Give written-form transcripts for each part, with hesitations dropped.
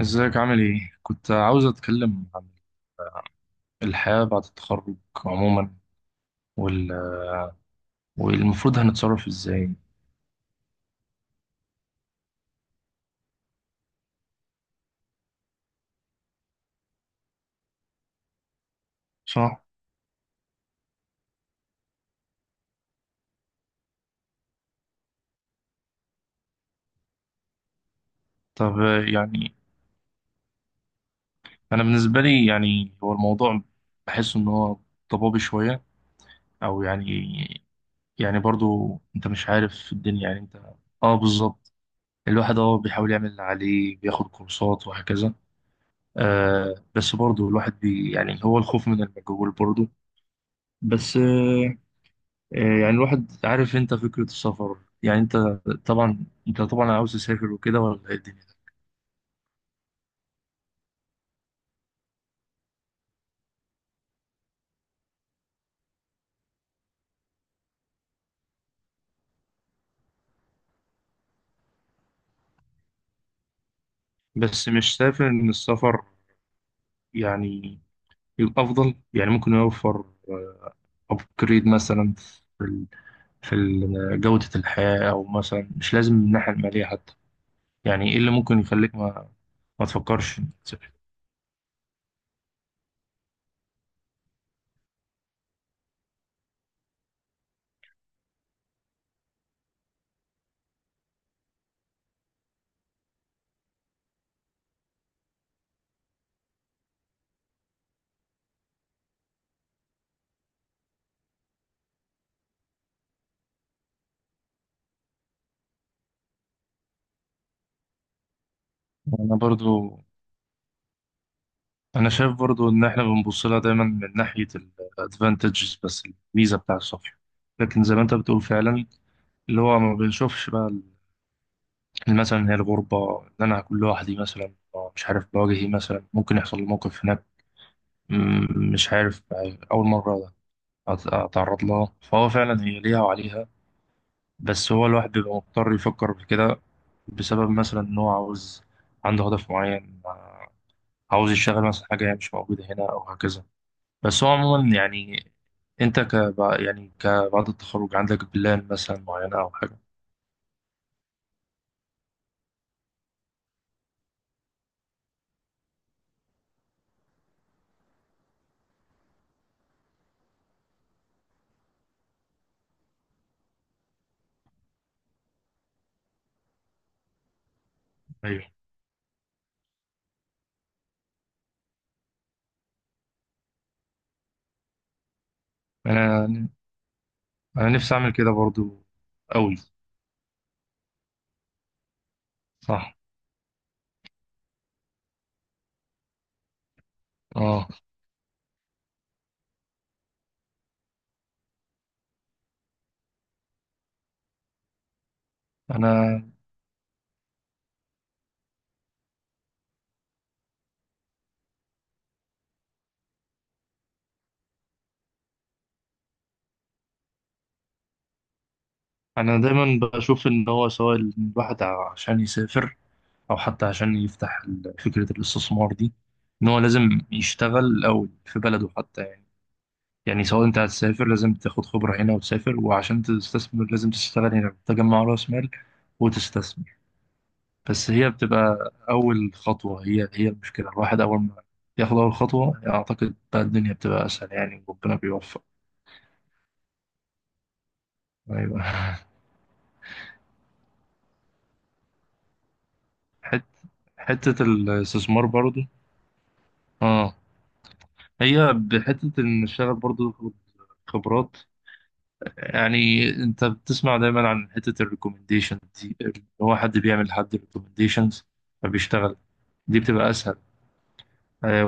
ازيك عامل ايه؟ كنت عاوز اتكلم عن الحياة بعد التخرج عموما وال... والمفروض هنتصرف ازاي صح؟ طب يعني انا بالنسبة لي يعني هو الموضوع بحس ان هو ضبابي شوية او يعني برضو انت مش عارف في الدنيا يعني انت. اه بالظبط. الواحد اه بيحاول يعمل اللي عليه، بياخد كورسات وهكذا. آه بس برضو الواحد بي يعني هو الخوف من المجهول برضو. بس آه. يعني الواحد عارف، انت فكرة السفر، يعني انت، طبعا انت طبعا عاوز تسافر وكده ولا ايه الدنيا؟ بس مش شايف ان السفر يعني يبقى افضل؟ يعني ممكن يوفر ابجريد مثلا في ال- في جودة الحياة، او مثلا مش لازم من الناحية المالية حتى. يعني ايه اللي ممكن يخليك ما تفكرش انك تسافر؟ انا برضو انا شايف برضو ان احنا بنبص لها دايما من ناحية الادفانتجز بس، الميزة بتاع السفر، لكن زي ما انت بتقول فعلا اللي هو ما بنشوفش بقى مثلا هي الغربة اللي أنا هكون لوحدي مثلا. مش عارف بواجهي مثلا، ممكن يحصل لي موقف هناك مش عارف، أول مرة أتعرض لها، فهو فعلا هي ليها وعليها. بس هو الواحد بيبقى مضطر يفكر في كده بسبب مثلا إن هو عاوز، عنده هدف معين. عاوز يشتغل مثلا حاجة هي مش موجودة هنا أو هكذا. بس هو عموما يعني، أنت ك يعني كبعد التخرج عندك بلان مثلا معينة أو حاجة؟ أيوه. أنا يعني انا نفسي اعمل كده برضو، قوي. صح. اه. انا انا دايما بشوف ان هو سواء الواحد عشان يسافر او حتى عشان يفتح فكرة الاستثمار دي، ان هو لازم يشتغل الاول في بلده حتى، يعني. يعني سواء انت هتسافر، لازم تاخد خبرة هنا وتسافر، وعشان تستثمر لازم تشتغل هنا تجمع راس مال وتستثمر. بس هي بتبقى اول خطوة، هي المشكلة، الواحد اول ما ياخد اول خطوة اعتقد بقى الدنيا بتبقى اسهل يعني، وربنا بيوفق. ايوه. حت... حتة الاستثمار برضو. اه. هي بحتة ان الشغل برضو تاخد خبرات، يعني انت بتسمع دايما عن حتة الريكومنديشن دي، اللي هو حد بيعمل لحد ريكومنديشنز فبيشتغل، دي بتبقى اسهل. آه،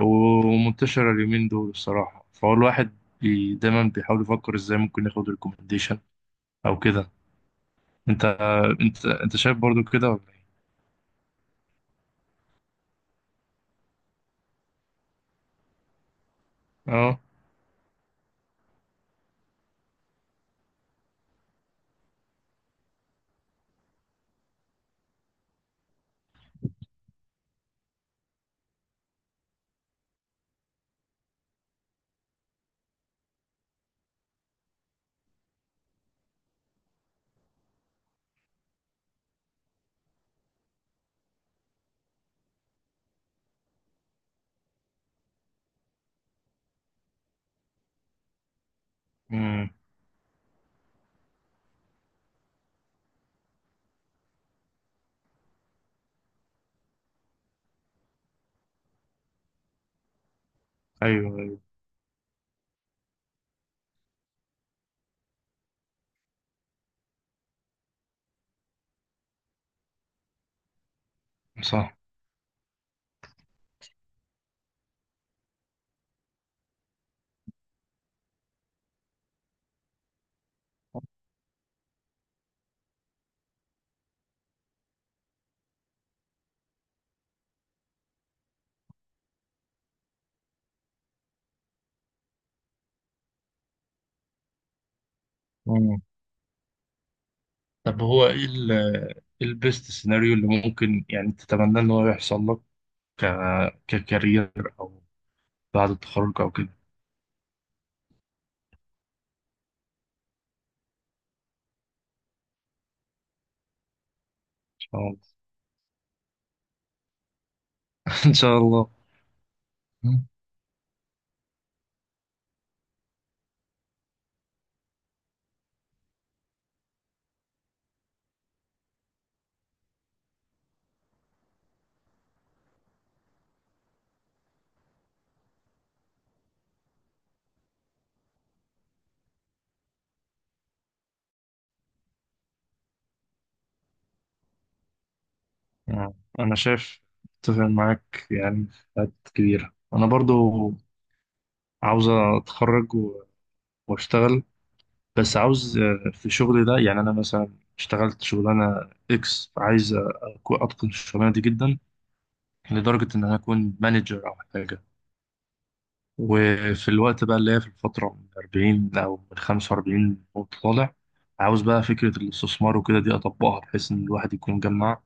ومنتشرة اليومين دول الصراحة، فهو الواحد دايما بيحاول يفكر ازاي ممكن ياخد ريكومنديشن او كده. انت انت شايف برضو كده ولا ايه؟ اه. امم. ايوه ايوه. صح. طب هو ايه إيه البيست سيناريو اللي ممكن يعني تتمنى ان هو يحصل لك ك ككارير او بعد التخرج او كده؟ ان شاء الله. ان شاء الله. آه، انا شايف، اتفق معاك يعني في حاجات كبيرة. انا برضو عاوز اتخرج واشتغل، بس عاوز آه، في شغلي ده يعني انا مثلا اشتغلت شغلانة اكس، عايز اتقن الشغلانة دي جدا، لدرجة ان انا اكون مانجر او حاجة. وفي الوقت بقى اللي هي في الفترة من 40 أو من 45 وطالع، عاوز بقى فكرة الاستثمار وكده دي أطبقها، بحيث إن الواحد يكون جمع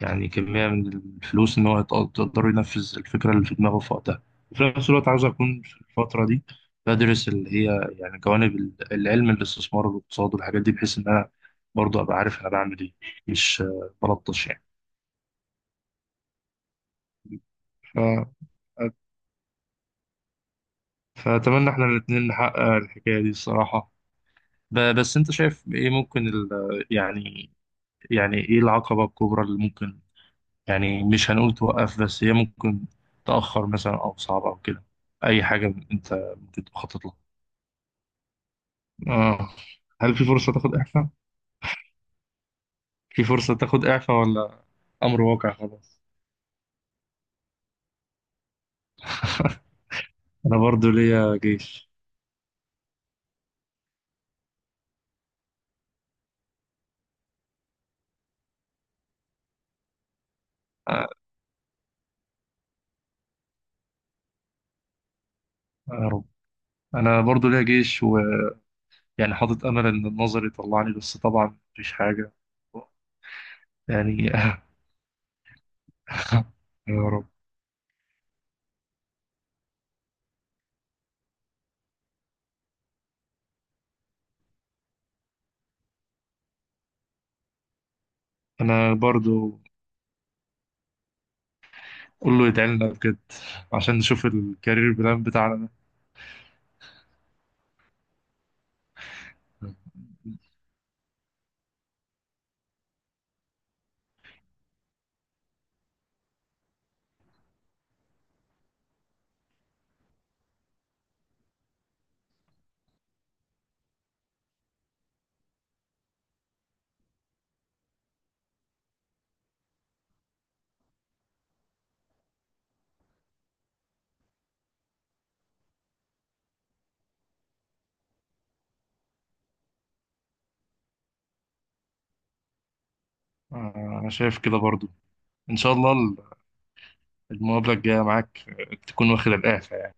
يعني كمية من الفلوس إن هو يقدر ينفذ الفكرة اللي في دماغه في وقتها. وفي نفس الوقت عاوز أكون في الفترة دي بدرس اللي هي يعني جوانب العلم، الاستثمار والاقتصاد والحاجات دي، بحيث إن أنا برضه أبقى عارف أنا بعمل إيه، مش آه، بلطش يعني. ف... فأتمنى إحنا الاتنين نحقق الحكاية دي الصراحة. بس انت شايف ايه ممكن ال... يعني، يعني ايه العقبة الكبرى اللي ممكن يعني مش هنقول توقف، بس هي ممكن تأخر مثلا او صعبة او كده، اي حاجة انت ممكن تخطط لها؟ آه. هل في فرصة تاخد إعفاء؟ في فرصة تاخد إعفاء ولا أمر واقع خلاص؟ أنا برضو ليا جيش. آه، يا رب. أنا برضو ليا جيش ويعني حاطط أمل إن النظر يطلعني، بس طبعا مفيش حاجة يعني. يا رب. أنا برضو كله يدعي لنا بجد عشان نشوف الكارير بلان بتاعنا ده. آه، انا شايف كده برضو. ان شاء الله المقابله الجايه معاك آه، تكون واخد الاعفاء يعني.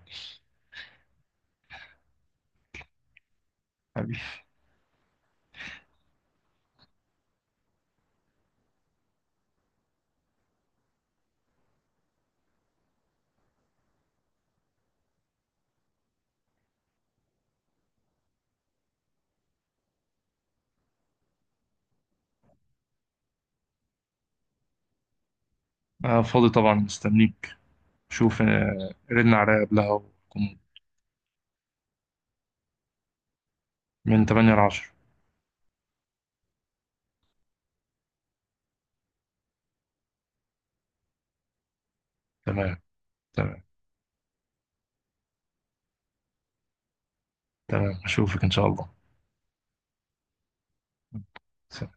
حبيبي. انا فاضي طبعا، مستنيك. شوف آه، رن عليا قبلها وكون من 8 ل 10. تمام. تمام. تمام اشوفك ان شاء الله.